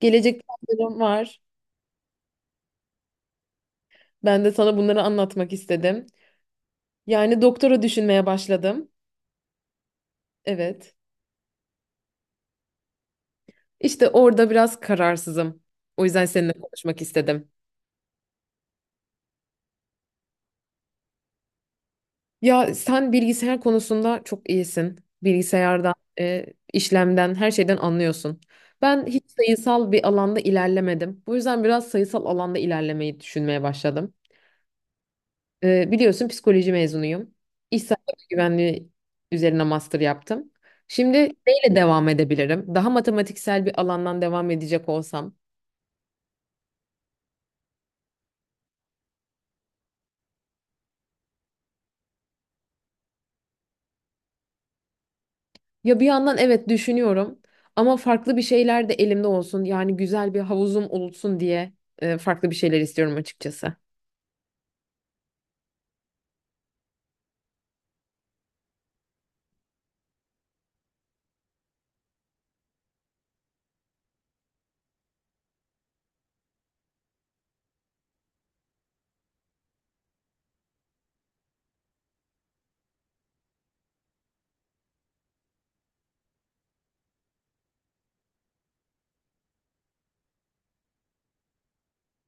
Gelecek planlarım var. Ben de sana bunları anlatmak istedim. Yani doktora düşünmeye başladım. Evet. İşte orada biraz kararsızım. O yüzden seninle konuşmak istedim. Ya sen bilgisayar konusunda çok iyisin. Bilgisayardan, e, işlemden, her şeyden anlıyorsun. Ben hiç sayısal bir alanda ilerlemedim. Bu yüzden biraz sayısal alanda ilerlemeyi düşünmeye başladım. Biliyorsun psikoloji mezunuyum. İş sağlığı güvenliği üzerine master yaptım. Şimdi neyle devam edebilirim? Daha matematiksel bir alandan devam edecek olsam. Ya bir yandan evet düşünüyorum ama farklı bir şeyler de elimde olsun. Yani güzel bir havuzum olsun diye farklı bir şeyler istiyorum açıkçası.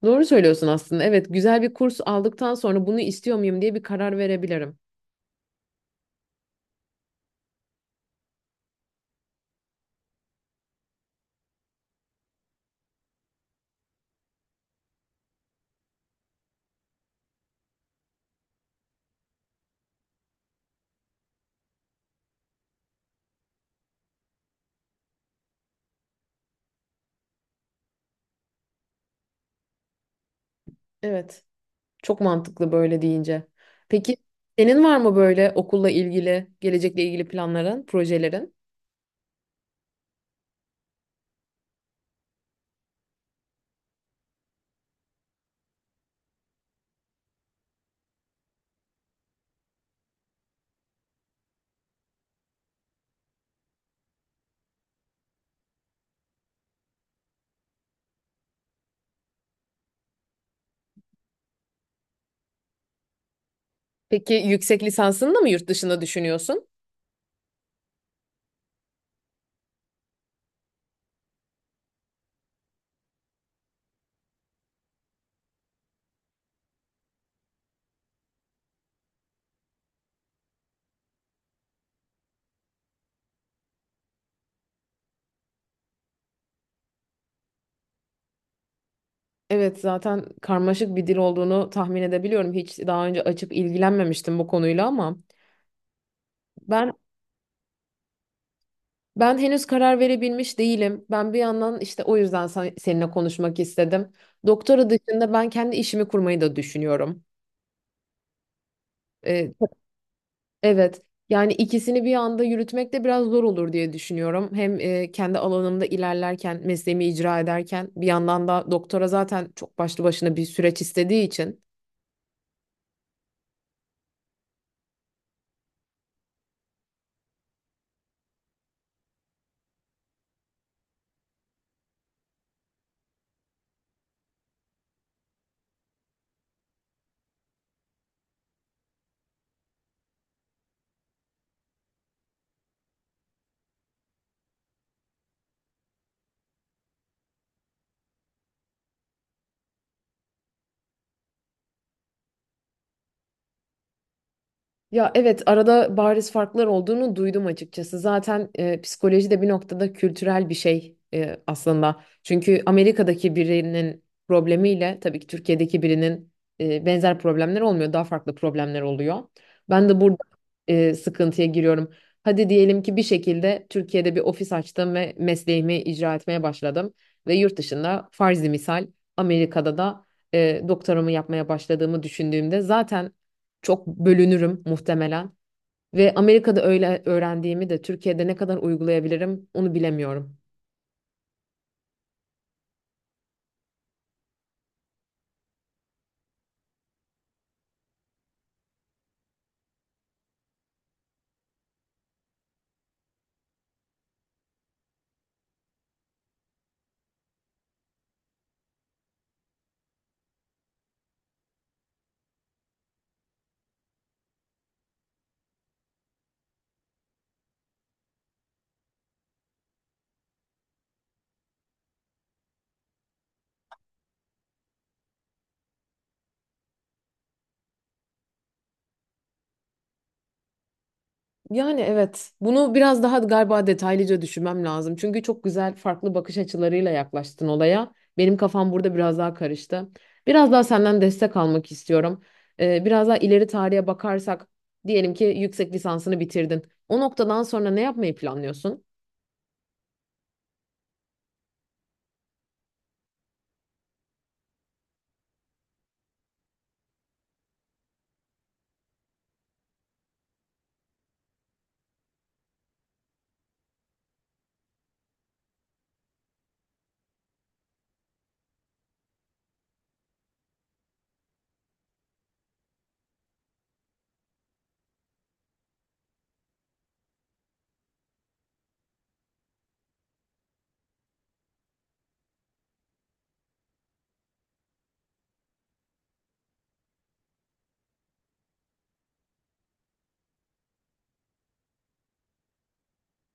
Doğru söylüyorsun aslında. Evet, güzel bir kurs aldıktan sonra bunu istiyor muyum diye bir karar verebilirim. Evet, çok mantıklı böyle deyince. Peki senin var mı böyle okulla ilgili, gelecekle ilgili planların, projelerin? Peki yüksek lisansını da mı yurt dışında düşünüyorsun? Evet, zaten karmaşık bir dil olduğunu tahmin edebiliyorum. Hiç daha önce açıp ilgilenmemiştim bu konuyla ama ben Ben henüz karar verebilmiş değilim. Ben bir yandan işte o yüzden seninle konuşmak istedim. Doktora dışında ben kendi işimi kurmayı da düşünüyorum. Ee, evet. Yani ikisini bir anda yürütmek de biraz zor olur diye düşünüyorum. Hem kendi alanımda ilerlerken, mesleğimi icra ederken bir yandan da doktora zaten çok başlı başına bir süreç istediği için. Ya evet arada bariz farklar olduğunu duydum açıkçası. Zaten psikoloji de bir noktada kültürel bir şey aslında. Çünkü Amerika'daki birinin problemiyle tabii ki Türkiye'deki birinin benzer problemler olmuyor. Daha farklı problemler oluyor. Ben de burada sıkıntıya giriyorum. Hadi diyelim ki bir şekilde Türkiye'de bir ofis açtım ve mesleğimi icra etmeye başladım. Ve yurt dışında farzi misal Amerika'da da doktoramı yapmaya başladığımı düşündüğümde zaten çok bölünürüm muhtemelen. Ve Amerika'da öyle öğrendiğimi de Türkiye'de ne kadar uygulayabilirim onu bilemiyorum. Yani evet. Bunu biraz daha galiba detaylıca düşünmem lazım. Çünkü çok güzel farklı bakış açılarıyla yaklaştın olaya. Benim kafam burada biraz daha karıştı. Biraz daha senden destek almak istiyorum. Biraz daha ileri tarihe bakarsak diyelim ki yüksek lisansını bitirdin. O noktadan sonra ne yapmayı planlıyorsun?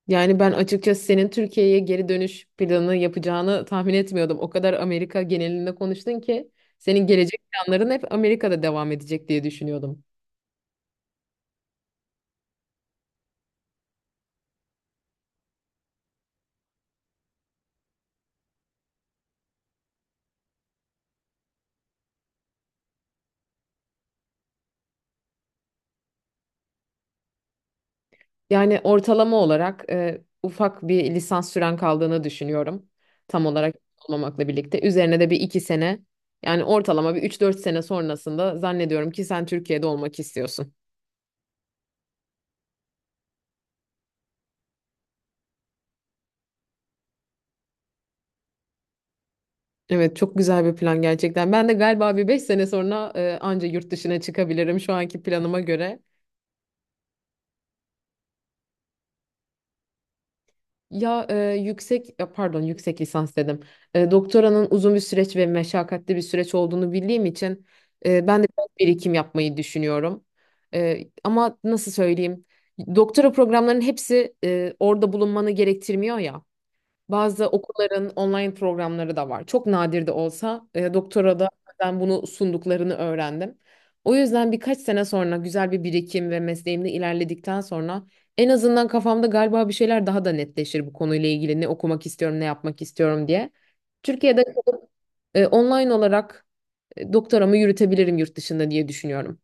Yani ben açıkçası senin Türkiye'ye geri dönüş planı yapacağını tahmin etmiyordum. O kadar Amerika genelinde konuştun ki senin gelecek planların hep Amerika'da devam edecek diye düşünüyordum. Yani ortalama olarak ufak bir lisans süren kaldığını düşünüyorum. Tam olarak olmamakla birlikte. Üzerine de bir iki sene yani ortalama bir üç dört sene sonrasında zannediyorum ki sen Türkiye'de olmak istiyorsun. Evet çok güzel bir plan gerçekten. Ben de galiba bir 5 sene sonra anca yurt dışına çıkabilirim şu anki planıma göre. Ya e, yüksek ya pardon yüksek lisans dedim. Doktoranın uzun bir süreç ve meşakkatli bir süreç olduğunu bildiğim için ben de biraz birikim yapmayı düşünüyorum. Ama nasıl söyleyeyim? Doktora programlarının hepsi orada bulunmanı gerektirmiyor ya. Bazı okulların online programları da var. Çok nadir de olsa doktora da ben bunu sunduklarını öğrendim. O yüzden birkaç sene sonra güzel bir birikim ve mesleğimde ilerledikten sonra en azından kafamda galiba bir şeyler daha da netleşir bu konuyla ilgili ne okumak istiyorum, ne yapmak istiyorum diye. Türkiye'de online olarak doktoramı yürütebilirim yurt dışında diye düşünüyorum.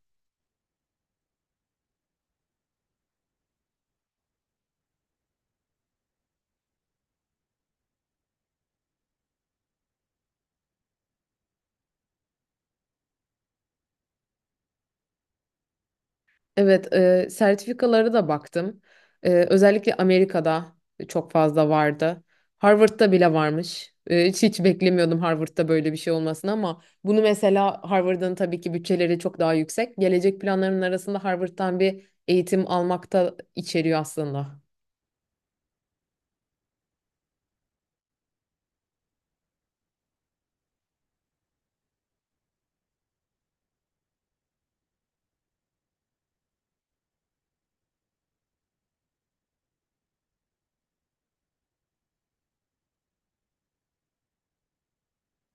Evet, sertifikalara da baktım. Özellikle Amerika'da çok fazla vardı. Harvard'da bile varmış. Hiç beklemiyordum Harvard'da böyle bir şey olmasını ama bunu mesela Harvard'ın tabii ki bütçeleri çok daha yüksek. Gelecek planlarımın arasında Harvard'dan bir eğitim almak da içeriyor aslında.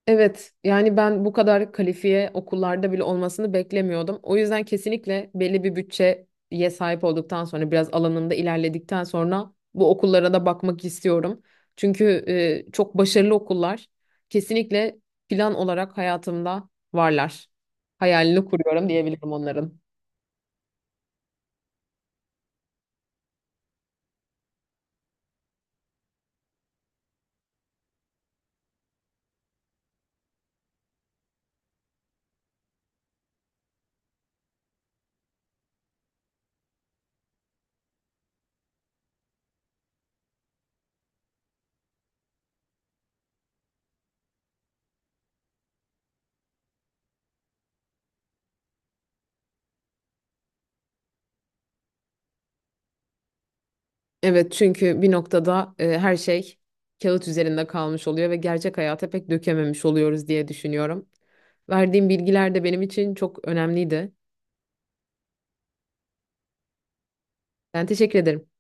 Evet, yani ben bu kadar kalifiye okullarda bile olmasını beklemiyordum. O yüzden kesinlikle belli bir bütçeye sahip olduktan sonra biraz alanında ilerledikten sonra bu okullara da bakmak istiyorum. Çünkü çok başarılı okullar kesinlikle plan olarak hayatımda varlar. Hayalini kuruyorum diyebilirim onların. Evet, çünkü bir noktada her şey kağıt üzerinde kalmış oluyor ve gerçek hayata pek dökememiş oluyoruz diye düşünüyorum. Verdiğim bilgiler de benim için çok önemliydi. Ben teşekkür ederim.